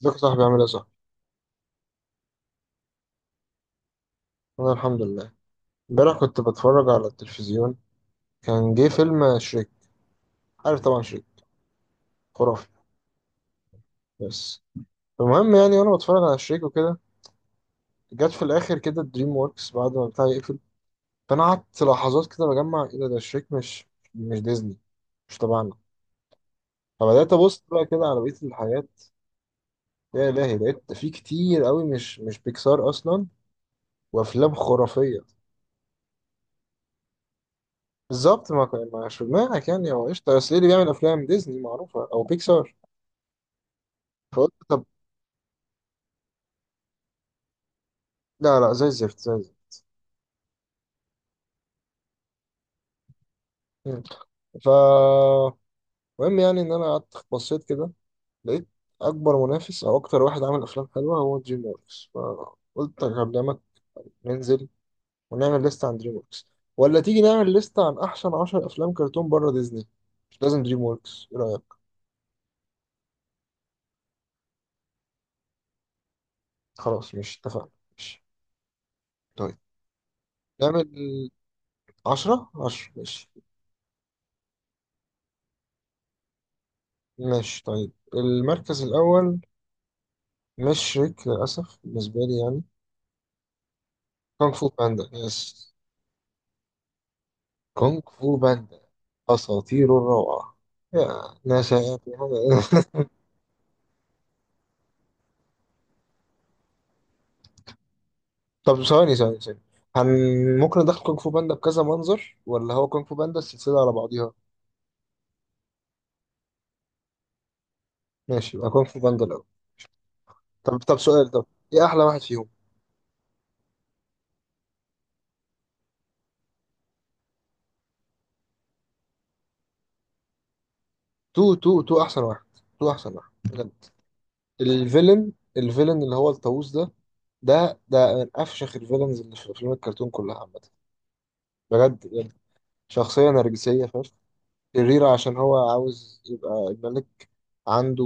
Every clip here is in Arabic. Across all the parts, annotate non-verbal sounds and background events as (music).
ازيك يا صاحبي؟ عامل ايه يا صاحبي؟ انا الحمد لله. امبارح كنت بتفرج على التلفزيون، كان جه فيلم شريك. عارف طبعا شريك، خرافي. بس المهم يعني، وانا بتفرج على شريك وكده، جت في الاخر كده دريم وركس بعد ما بتاع يقفل. فانا قعدت لحظات كده بجمع، ايه ده؟ شريك مش ديزني، مش تبعنا. فبدات ابص بقى كده على بقيه الحاجات. يا الهي، لقيت في كتير قوي مش بيكسار اصلا، وافلام خرافيه. بالظبط، ما كان ما مش في دماغك، يعني هو قشطه، بس ايه اللي بيعمل افلام ديزني معروفه او بيكسار. لا لا، زي الزفت زي الزفت. مم. ف المهم يعني ان انا قعدت بصيت كده، لقيت اكبر منافس او اكتر واحد عامل افلام حلوه هو دريم وركس، فقلت اكلمك ننزل ونعمل ليست عن دريم وركس، ولا تيجي نعمل ليست عن احسن 10 افلام كرتون بره ديزني، مش لازم دريم وركس، ايه رايك؟ خلاص، مش اتفقنا، ماشي. طيب نعمل 10، 10، ماشي. ماشي طيب، المركز الاول مش شريك للاسف بالنسبه لي يعني. كونغ فو باندا، يس. كونغ فو باندا، أساطير الروعة. يا ناس يا (laughs) أخي. طب ثواني ثواني ثواني، هن ممكن ندخل كونغ فو باندا بكذا منظر، ولا هو كونغ فو باندا السلسلة على بعضيها؟ ماشي، يبقى كونغ فو باندا الأول. طب طب سؤال، طب إيه أحلى واحد فيهم؟ تو أحسن واحد. تو أحسن واحد بجد. الفيلن اللي هو الطاووس ده، ده من أفشخ الفيلنز اللي في أفلام الكرتون كلها عامة. بجد بجد، شخصية نرجسية، فاهم، شريرة، عشان هو عاوز يبقى الملك. عنده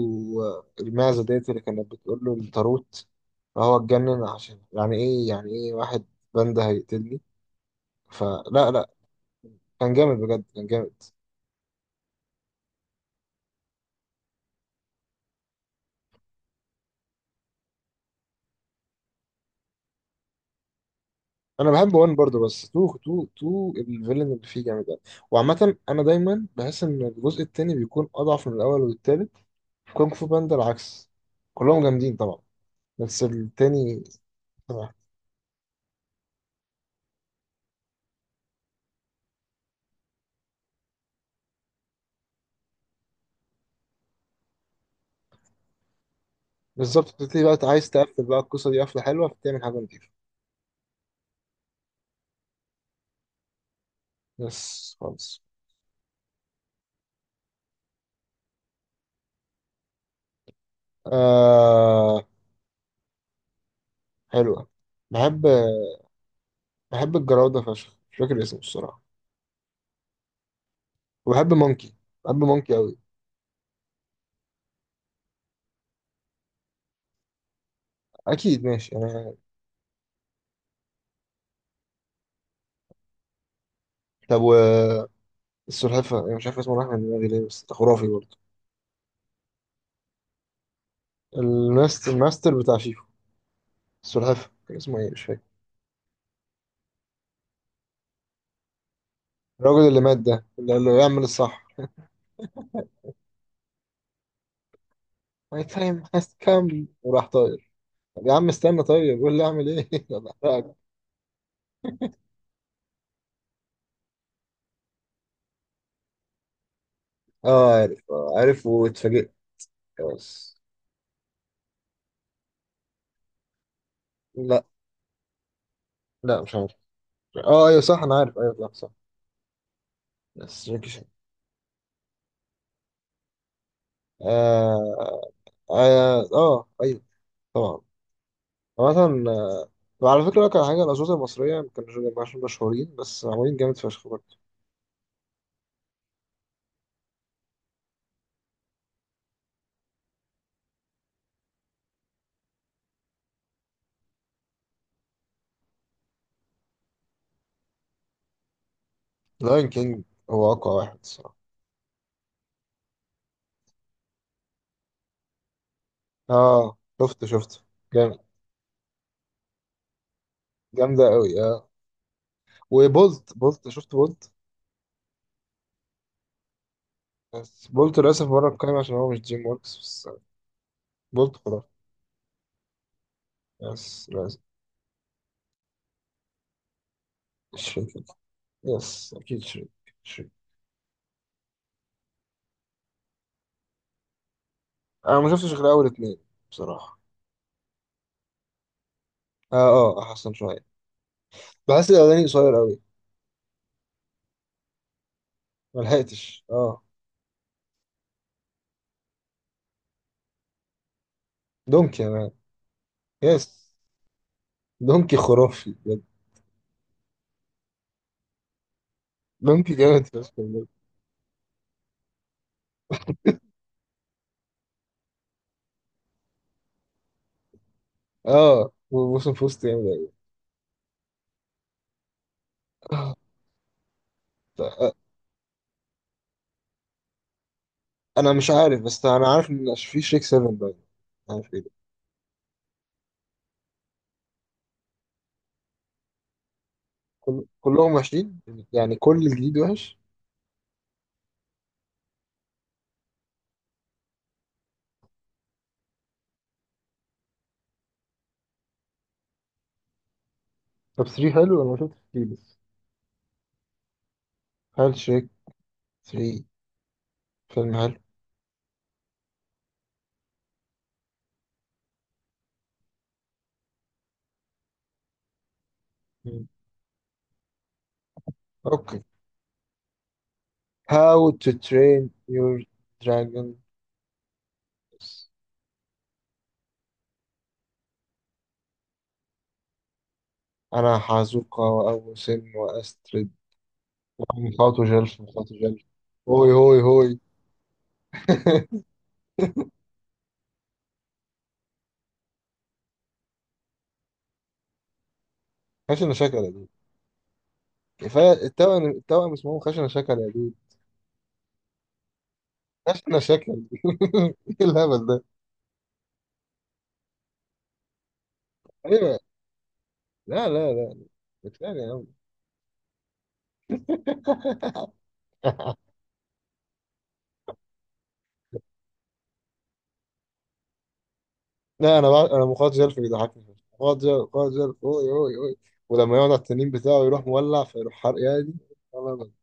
المعزة ديت اللي كانت بتقول له الطاروت، فهو اتجنن، عشان يعني ايه، يعني ايه واحد باندا هيقتلني؟ فلا لا كان جامد بجد، كان جامد. انا بحب وان برضه، بس تو الفيلن اللي فيه جامد أوي. وعامة انا دايما بحس ان الجزء التاني بيكون اضعف من الاول والتالت، كونغ فو باندا العكس، كلهم جامدين طبعا، بس التاني. بالظبط، بتبتدي بقى عايز تقفل بقى القصة دي قفلة حلوة فتعمل حاجة نضيفة. يس خالص. آه، حلوة. بحب، بحب الجراودة فشخ، مش فاكر اسمه الصراحة. وبحب مونكي، بحب مونكي أوي. أكيد ماشي أنا. طب و السلحفة، أنا مش عارف اسمه، راح من دماغي ليه، بس ده خرافي برضه. الماستر، الماستر بتاع شيفو، السلحفة كان اسمه إيه؟ مش فاكر. الراجل اللي مات ده اللي قال له اعمل الصح. My time has come، وراح طاير. طب يا عم استنى، طيب قول لي أعمل إيه (laughs) أنا بحرقك. أه عارف، آه، عارف، واتفاجئت. خلاص. لا لا، مش عارف. اه ايوه صح، انا عارف، ايوه لا صح. بس جاكي شان. اه اه آه، ايوه، طبعا. مثلا، وعلى فكره كان حاجه، الاشواط المصريه ما كانوش مش مشهورين، بس معمولين جامد فشخ برضه. لاين كينج هو اقوى واحد الصراحه. اه شفت شفت. جامد. جامده قوي اه. وبولت، بولت، شفت بولت. بس بولت للاسف بره القايمه، عشان هو مش دريم وركس بس. بولت خلاص. يس لازم. شريك. يس، اكيد شريك. شريك. انا ما شفتش غير اول اتنين بصراحه. اه. اه احسن شويه. بحس الاغاني قصير قوي. ملحقتش اه. دونكي، انا. يس، دونكي خرافي بجد. دونكي جامد فشخ بجد. اه، وموسم فوست جامد قوي. آه. انا مش عارف، بس انا عارف ان في شريك 7 باين. عارف ايه ده. كل... كلهم وحشين، يعني كل الجديد وحش. طب 3 حلو، انا ما شفتش 3 لسه. هل شريك 3 فيلم حلو؟ مم. اوكي. How to Train Your Dragon. انا حازوكا وأبو سن وأسترد. خاطو جل، خاطو جل، هوي هوي هوي (laughs) خشنة شكل يا دود. كفاية، التوأم اسمهم خشنة شكل يا دود. خشنة شكل (laughs) ايه الهبل ده؟ ايوه. لا لا لا. بتخانق يا عم (laughs) لا انا بع... انا مخاط جلف بيضحكني. مخاط جلف، مخاط جلف اوي اوي اوي. ولما يقعد على التنين بتاعه يروح مولع، فيروح حرق يا دي. والله العظيم.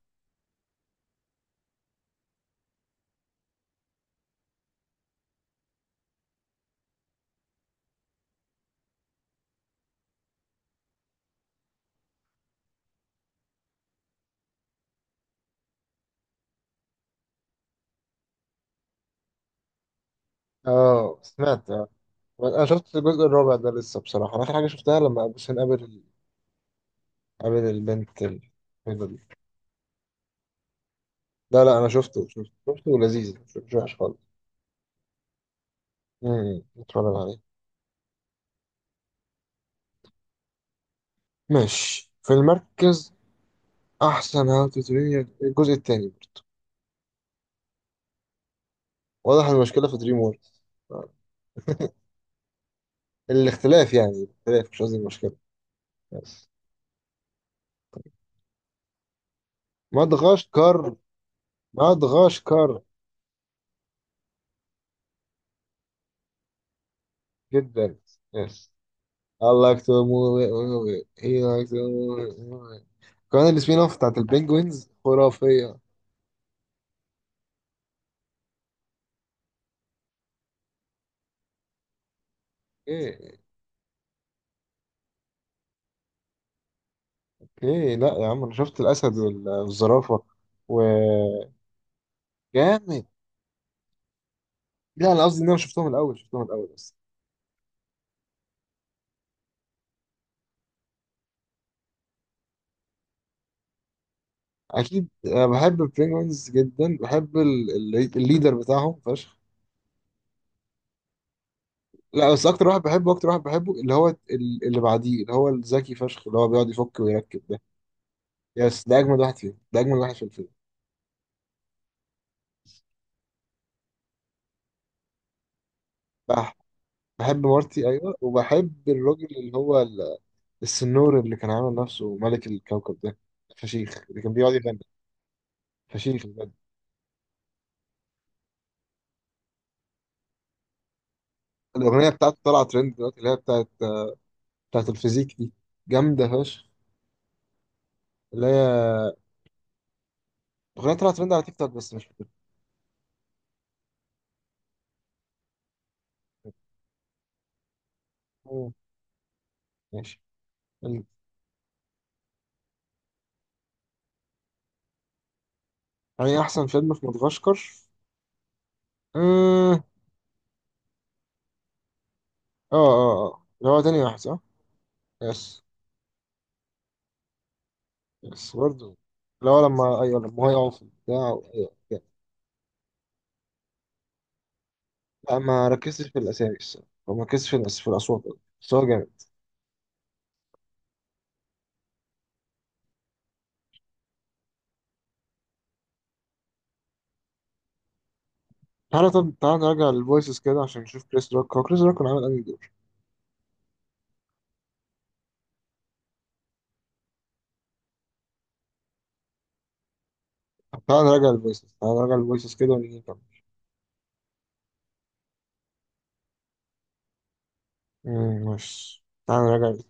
اه، سمعت اه. انا شفت الجزء الرابع ده لسه بصراحه، انا اخر حاجه شفتها لما ابو حسين قابل البنت الحلوه دي. لا لا، انا شفته، شفته ولذيذ، مش وحش خالص. امم، اتفرج عليه. ماشي، في المركز احسن هاو تو ترين الجزء الثاني. واضح المشكله في دريم ووركس. الاختلاف يعني، الاختلاف، مش قصدي المشكله. يس. مدغشقر. مدغشقر. جدا. يس. I like to move it, move it. He likes to move it, move it. كمان السبين اوف بتاعت البنجوينز خرافيه. ايه ايه، لا يا عم، انا شفت الاسد وال- والزرافه. وجامد. لا انا قصدي ان انا شفتهم الاول، بس اكيد أنا بحب البينجوينز جدا، بحب الليدر بتاعهم فشخ. لا، بس اكتر واحد بحبه اللي هو اللي بعديه، اللي هو الذكي فشخ، اللي هو بيقعد يفك ويركب ده. يس، ده اجمد واحد فيهم، ده اجمد واحد في الفيلم. بح- بحب مارتي ايوه، وبحب الراجل اللي هو ال- السنور اللي كان عامل نفسه ملك الكوكب ده، فشيخ اللي كان بيقعد يغني، فشيخ بجد. الاغنيه بتاعته طلعت ترند دلوقتي، اللي هي بتاعت الفيزيك دي، جامده فشخ. اللي هي الأغنية طلعت ترند على تيك توك، بس مش فاكر. مم. ماشي. ال- يعني أحسن فيلم في مدغشقر؟ آه آه. آه آه. اللي هو تاني واحد صح؟ يس. يس برضه. اللي هو لما، أيوه لما هو يقع في البتاع. أيوه جامد. لا، ما ركزتش في الأسامي الصراحة، أو ما ركزتش في في الأصوات أوي. بس هو جامد. تعالى، طب تعالى نراجع الفويسز كده عشان نشوف كريس روك، هو كريس روك كان عامل أنهي دور؟ تعالى نراجع الفويسز، تعالى نراجع الفويسز كده ونيجي نكمل. مم، ماشي، تعالى نراجع.